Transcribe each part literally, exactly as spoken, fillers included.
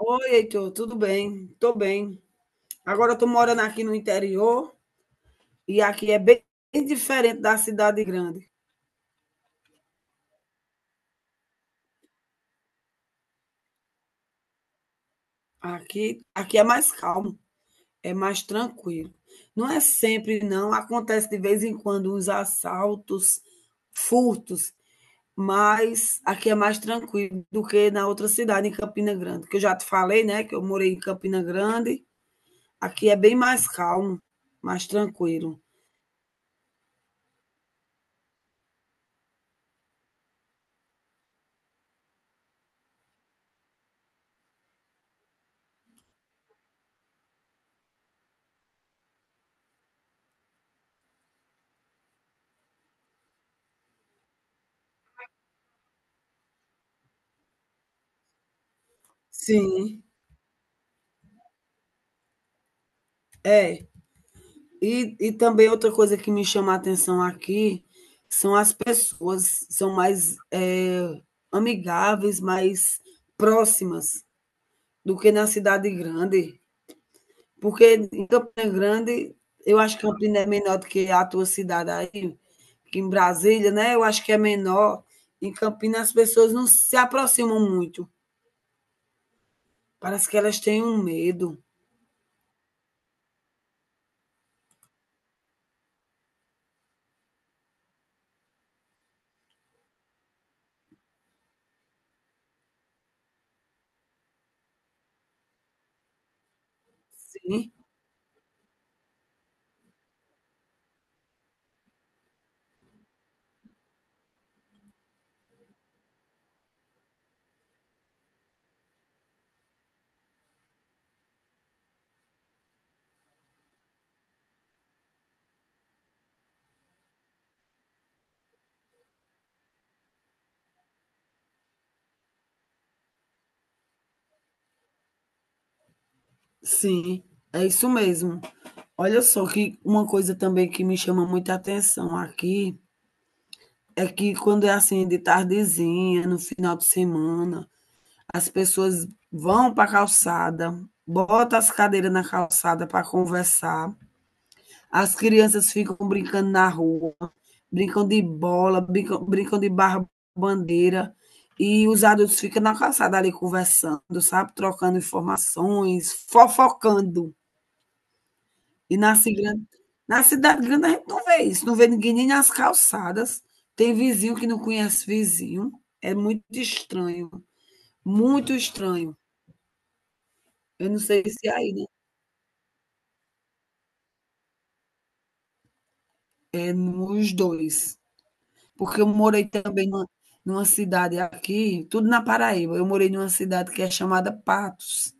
Oi, Heitor, tudo bem? Tô bem. Agora eu tô morando aqui no interior e aqui é bem bem diferente da cidade grande. Aqui, aqui é mais calmo, é mais tranquilo. Não é sempre, não. Acontece de vez em quando uns assaltos, furtos, mas aqui é mais tranquilo do que na outra cidade, em Campina Grande, que eu já te falei, né, que eu morei em Campina Grande. Aqui é bem mais calmo, mais tranquilo. Sim, é. E, e também outra coisa que me chama a atenção aqui são as pessoas, são mais é, amigáveis, mais próximas do que na cidade grande. Porque em Campina Grande, eu acho que Campina é menor do que a tua cidade aí, que em Brasília, né? Eu acho que é menor. Em Campinas as pessoas não se aproximam muito. Parece que elas têm um medo. Sim. Sim, é isso mesmo. Olha só que uma coisa também que me chama muita atenção aqui, é que quando é assim de tardezinha, no final de semana, as pessoas vão para a calçada, botam as cadeiras na calçada para conversar, as crianças ficam brincando na rua, brincam de bola, brincam brincam de barra bandeira, e os adultos ficam na calçada ali conversando, sabe, trocando informações, fofocando. E na cigrande na cidade grande a gente não vê isso, não vê ninguém nem nas calçadas, tem vizinho que não conhece vizinho, é muito estranho, muito estranho. Eu não sei se é aí, né? É nos dois. Porque eu morei também numa, numa cidade aqui, tudo na Paraíba. Eu morei numa cidade que é chamada Patos.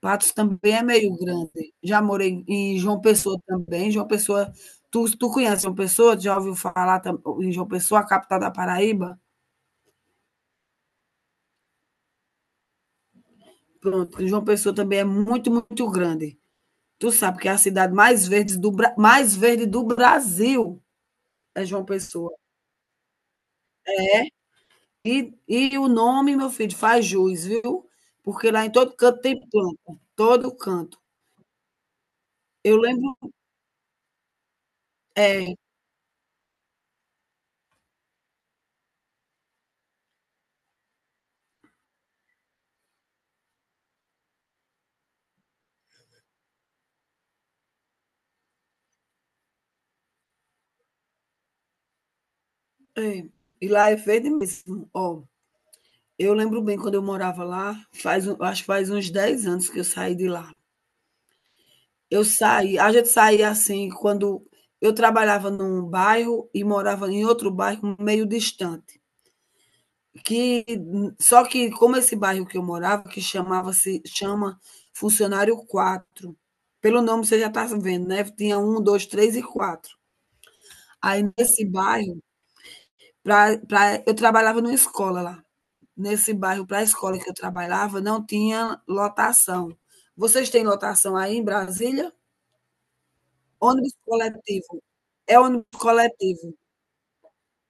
Patos também é meio grande. Já morei em João Pessoa também. João Pessoa, tu, tu conhece João Pessoa? Já ouviu falar tam- em João Pessoa, a capital da Paraíba? Pronto, João Pessoa também é muito, muito grande. Tu sabe que é a cidade mais verde do, mais verde do Brasil é João Pessoa. E, e o nome, meu filho, faz jus, viu? Porque lá em todo canto tem planta, todo canto. Eu lembro, é, é, e lá é verde mesmo. Ó, eu lembro bem quando eu morava lá, faz, um- acho que faz uns dez anos que eu saí de lá. Eu saí, a gente saía assim, quando eu trabalhava num bairro e morava em outro bairro meio distante. Que só que como esse bairro que eu morava, que chamava-se chama Funcionário quatro. Pelo nome você já está vendo, né? Tinha um, dois, três e quatro. Aí nesse bairro, pra, pra, eu trabalhava numa escola lá. Nesse bairro, para a escola que eu trabalhava, não tinha lotação. Vocês têm lotação aí em Brasília? Ônibus coletivo. É ônibus coletivo.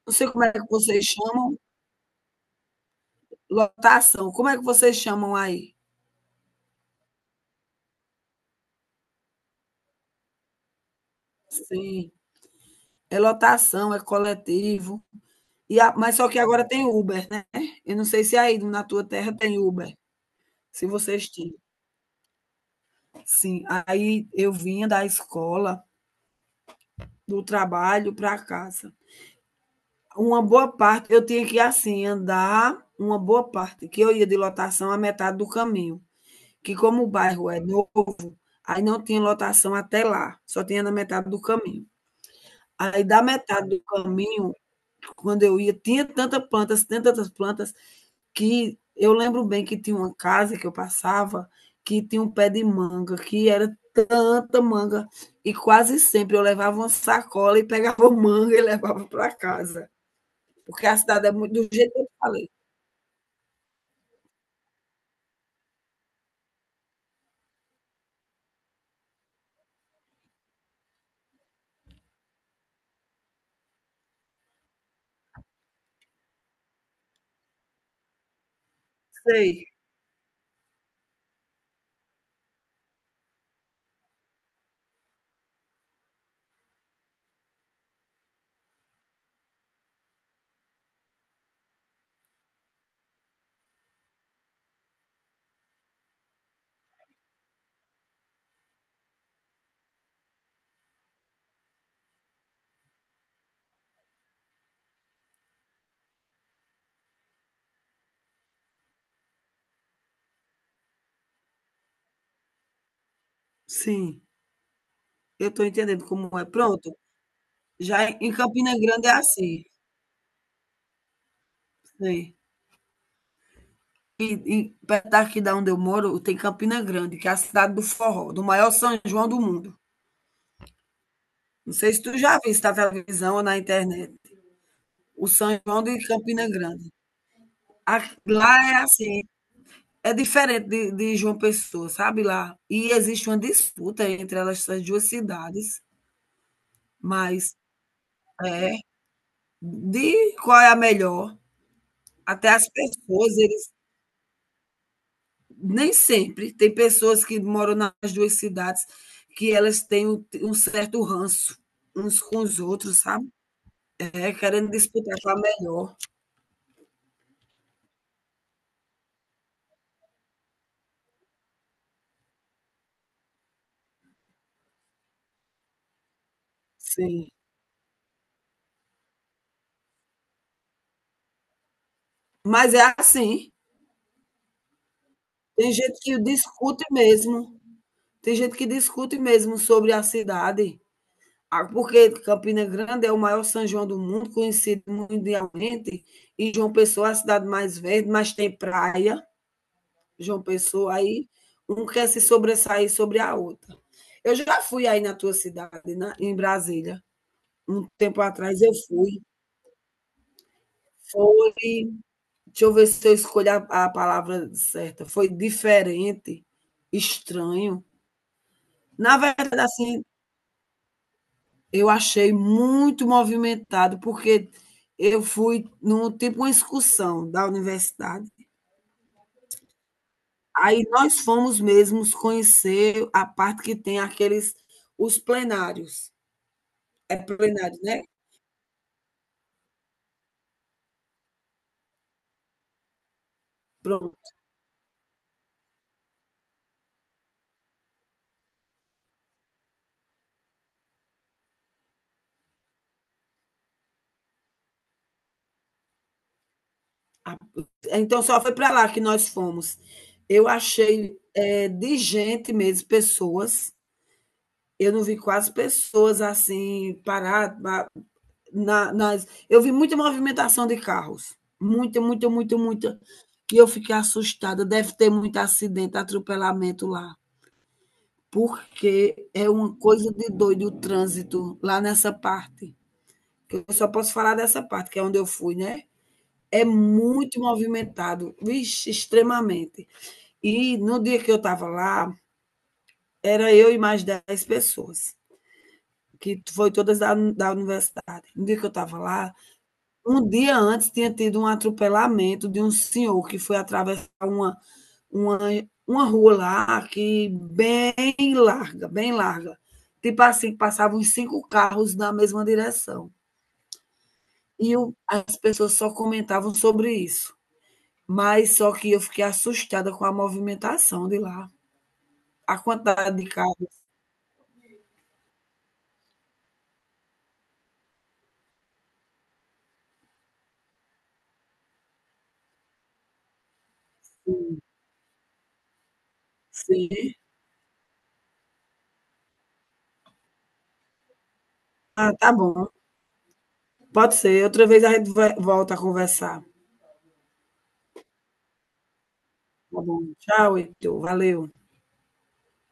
Não sei como é que vocês chamam lotação. Como é que vocês chamam aí? Sim, é lotação, é coletivo. E a- mas só que agora tem Uber, né? Eu não sei se aí na tua terra tem Uber, se vocês tinham. Sim, aí eu vinha da escola, do trabalho para casa. Uma boa parte, eu tinha que assim andar uma boa parte, que eu ia de lotação a metade do caminho, que como o bairro é novo, aí não tinha lotação até lá, só tinha na metade do caminho. Aí da metade do caminho, quando eu ia, tinha tantas plantas, tinha tantas plantas, que eu lembro bem que tinha uma casa que eu passava, que tinha um pé de manga, que era tanta manga, e quase sempre eu levava uma sacola e pegava manga e levava para casa, porque a cidade é muito do jeito que eu falei. Sei, sim, eu estou entendendo como é. Pronto, já em Campina Grande é assim, sei. E e perto daqui da onde eu moro, tem Campina Grande, que é a cidade do forró, do maior São João do mundo. Não sei se tu já viu viste na televisão ou na internet o São João de Campina Grande. A- Lá é assim, é diferente de, de João Pessoa, sabe lá? E existe uma disputa entre elas, essas duas cidades, mas é de qual é a melhor. Até as pessoas, eles nem sempre tem pessoas que moram nas duas cidades que elas têm um, um certo ranço uns com os outros, sabe? É, querendo disputar qual é a melhor. Sim. Mas é assim. Tem gente que discute mesmo. Tem gente que discute mesmo sobre a cidade. Ah, porque Campina Grande é o maior São João do mundo, conhecido mundialmente, e João Pessoa é a cidade mais verde, mas tem praia, João Pessoa aí, um quer se sobressair sobre a outra. Eu já fui aí na tua cidade, na, em Brasília, um tempo atrás eu fui. Foi, deixa eu ver se eu escolho a, a palavra certa, foi diferente, estranho. Na verdade, assim, eu achei muito movimentado, porque eu fui num tipo uma excursão da universidade. Aí nós fomos mesmos conhecer a parte que tem aqueles os plenários. É plenário, né? Pronto. Então só foi para lá que nós fomos. Eu achei é, de gente mesmo, pessoas. Eu não vi quase pessoas assim paradas, na, nas. Eu vi muita movimentação de carros. Muita, muita, muita, muita. E eu fiquei assustada. Deve ter muito acidente, atropelamento lá. Porque é uma coisa de doido o trânsito lá nessa parte. Eu só posso falar dessa parte, que é onde eu fui, né? É muito movimentado, vixe, extremamente. E no dia que eu estava lá, era eu e mais dez pessoas, que foi todas da, da universidade. No dia que eu estava lá, um dia antes tinha tido um atropelamento de um senhor que foi atravessar uma, uma, uma rua lá, que bem larga, bem larga. Tipo assim, passavam uns cinco carros na mesma direção. E eu, as pessoas só comentavam sobre isso. Mas só que eu fiquei assustada com a movimentação de lá. A quantidade de carros. Sim. Ah, tá bom. Pode ser. Outra vez a gente vai- volta a conversar. Tá bom. Tchau, Heitor. Valeu.